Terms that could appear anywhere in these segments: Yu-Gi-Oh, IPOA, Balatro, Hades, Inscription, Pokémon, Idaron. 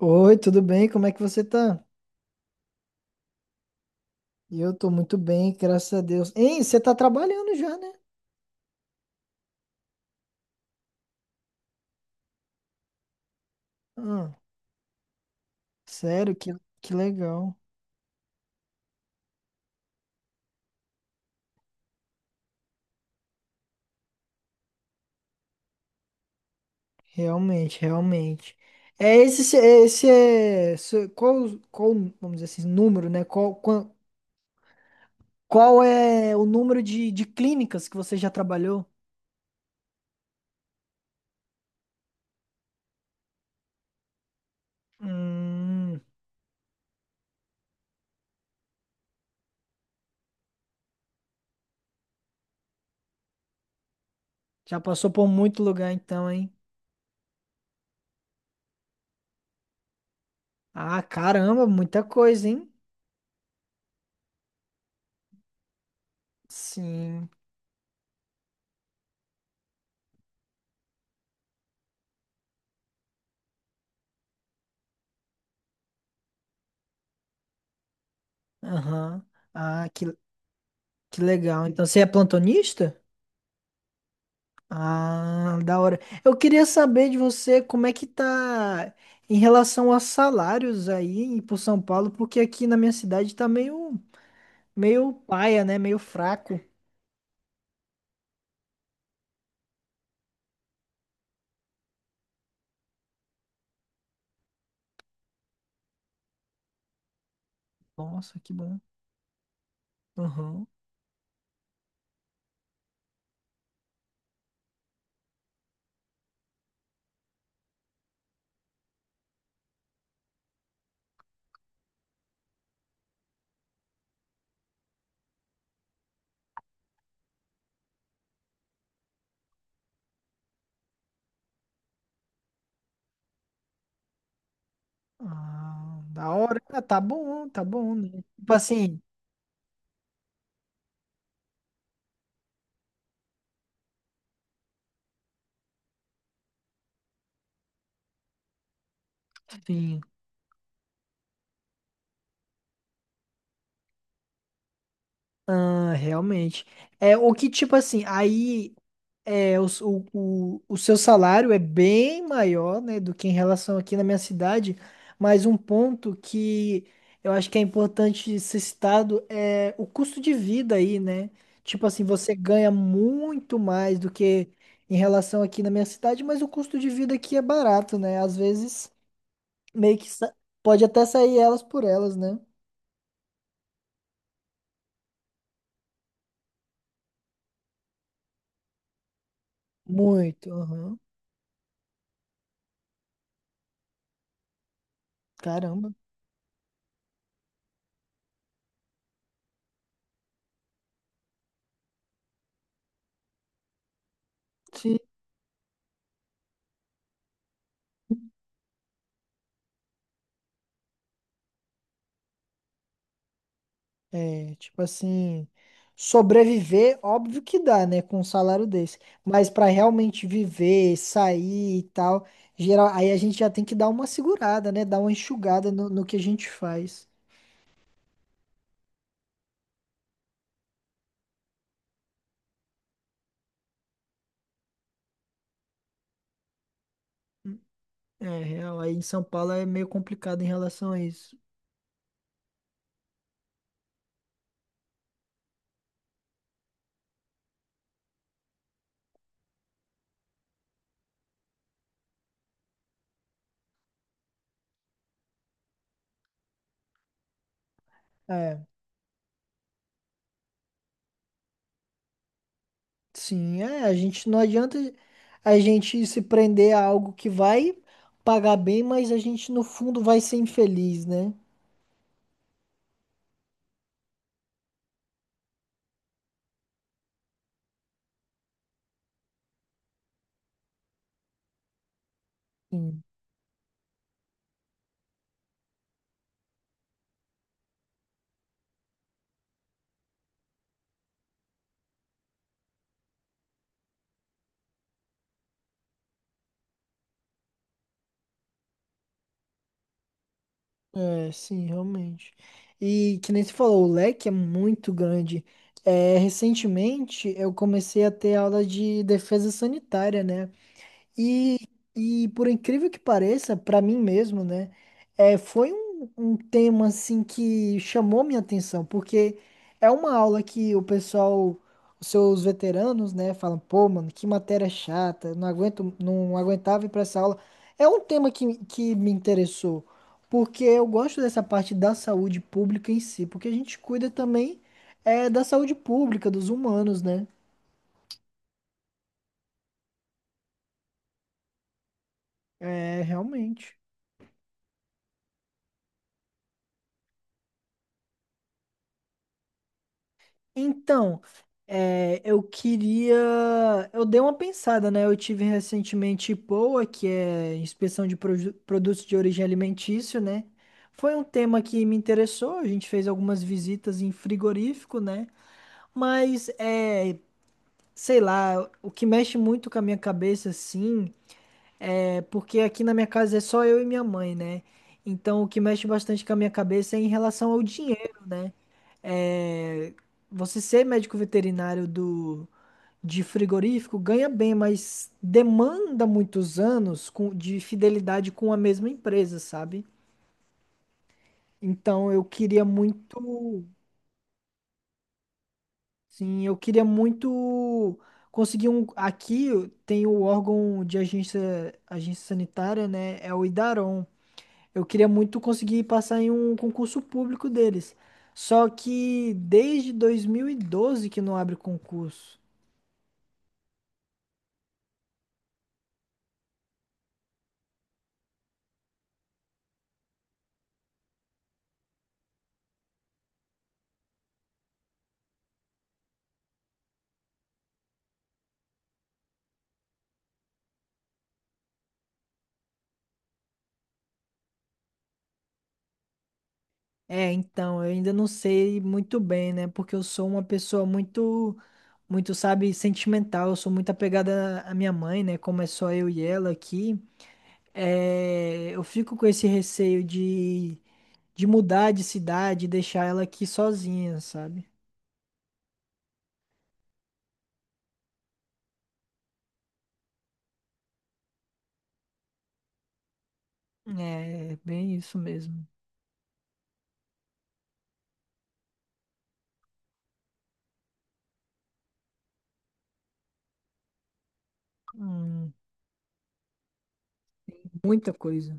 Oi, tudo bem? Como é que você tá? Eu tô muito bem, graças a Deus. Ei, você tá trabalhando já, né? Ah, sério, que legal. Realmente, realmente. É esse, se- é esse é. Se- Qual, vamos dizer assim, número, né? Qual é o número de clínicas que você já trabalhou? Hum, Já passou por muito lugar então, hein? Ah, caramba, muita coisa, hein? Sim. Aham. Ah, que legal. Então você é plantonista? Ah, da hora. Eu queria saber de você como é que tá em relação a salários aí pro São Paulo, porque aqui na minha cidade tá meio paia, né? Meio fraco. Nossa, que bom. Aham. Ah, da hora. Ah, tá bom, né? Tipo assim, sim, ah, realmente. É, o que tipo assim, aí. É, o seu salário é bem maior, né, do que em relação aqui na minha cidade, mas um ponto que eu acho que é importante ser citado é o custo de vida aí, né? Tipo assim, você ganha muito mais do que em relação aqui na minha cidade, mas o custo de vida aqui é barato, né? Às vezes meio que pode até sair elas por elas, né? Muito, aham. Caramba. Sim. É, tipo assim, sobreviver, óbvio que dá, né, com um salário desse. Mas pra realmente viver, sair e tal, geral, aí a gente já tem que dar uma segurada, né, dar uma enxugada no que a gente faz. É, real, aí em São Paulo é meio complicado em relação a isso. É, sim, é, a gente não adianta a gente se prender a algo que vai pagar bem, mas a gente no fundo vai ser infeliz, né? É, sim, realmente. E que nem você falou, o leque é muito grande. É, recentemente eu comecei a ter aula de defesa sanitária, né? E, e por incrível que pareça, pra mim mesmo, né, foi um tema assim que chamou minha atenção, porque é uma aula que o pessoal, os seus veteranos, né, falam, pô, mano, que matéria chata, não aguento, não aguentava ir pra essa aula. É um tema que me interessou, porque eu gosto dessa parte da saúde pública em si, porque a gente cuida também, da saúde pública, dos humanos, né? É, realmente. Então, eu queria. Eu dei uma pensada, né? Eu tive recentemente IPOA, que é Inspeção de Produtos de Origem Alimentício, né? Foi um tema que me interessou. A gente fez algumas visitas em frigorífico, né? Mas, sei lá, o que mexe muito com a minha cabeça, assim, é porque aqui na minha casa é só eu e minha mãe, né? Então, o que mexe bastante com a minha cabeça é em relação ao dinheiro, né? é, Você ser médico veterinário de frigorífico ganha bem, mas demanda muitos anos de fidelidade com a mesma empresa, sabe? Então eu queria muito, sim, eu queria muito conseguir um. Aqui tem o órgão de agência, agência sanitária, né? É o Idaron. Eu queria muito conseguir passar em um concurso público deles. Só que desde 2012 que não abre concurso. Então, eu ainda não sei muito bem, né? Porque eu sou uma pessoa muito, muito, sabe, sentimental. Eu sou muito apegada à minha mãe, né? Como é só eu e ela aqui. Eu fico com esse receio de mudar de cidade e deixar ela aqui sozinha, sabe? É, bem isso mesmo. Hum, Muita coisa.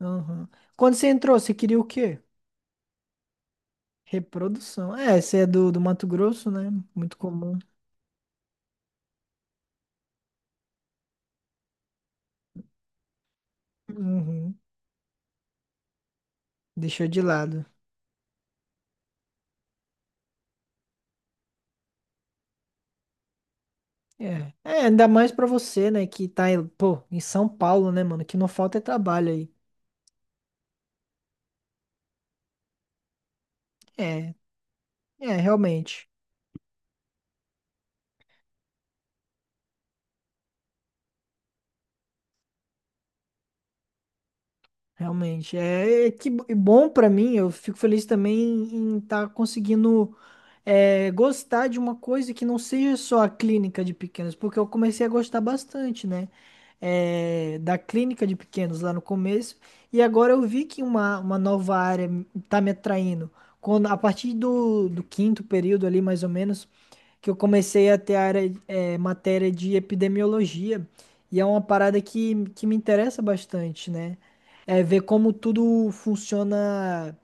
Aham. Quando você entrou, você queria o quê? Reprodução. É, você é do Mato Grosso, né? Muito comum. Uhum. Deixou de lado. É, ainda mais pra você, né, que tá, pô, em São Paulo, né, mano, que não falta é trabalho aí. É, é, realmente, realmente. É que e bom pra mim, eu fico feliz também em estar conseguindo, gostar de uma coisa que não seja só a clínica de pequenos, porque eu comecei a gostar bastante, né, da clínica de pequenos lá no começo, e agora eu vi que uma nova área tá me atraindo. Quando, a partir do quinto período ali, mais ou menos, que eu comecei a ter área, matéria de epidemiologia, e é uma parada que me interessa bastante, né? É ver como tudo funciona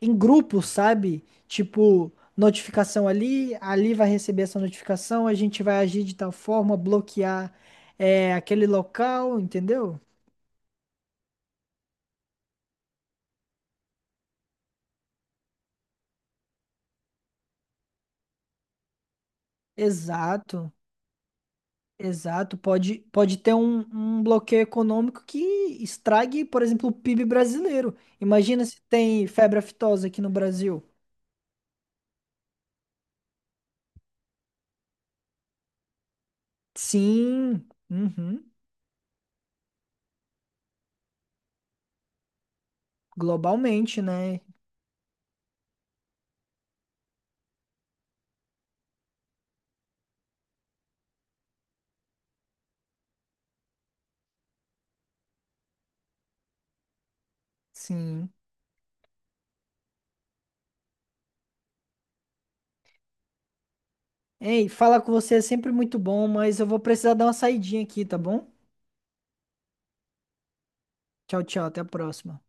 em grupo, sabe? Tipo, notificação ali vai receber essa notificação, a gente vai agir de tal forma, bloquear, aquele local, entendeu? Exato. Exato, pode ter um bloqueio econômico que estrague, por exemplo, o PIB brasileiro. Imagina se tem febre aftosa aqui no Brasil. Sim, uhum, globalmente, né? Sim. Ei, falar com você é sempre muito bom, mas eu vou precisar dar uma saidinha aqui, tá bom? Tchau, tchau, até a próxima.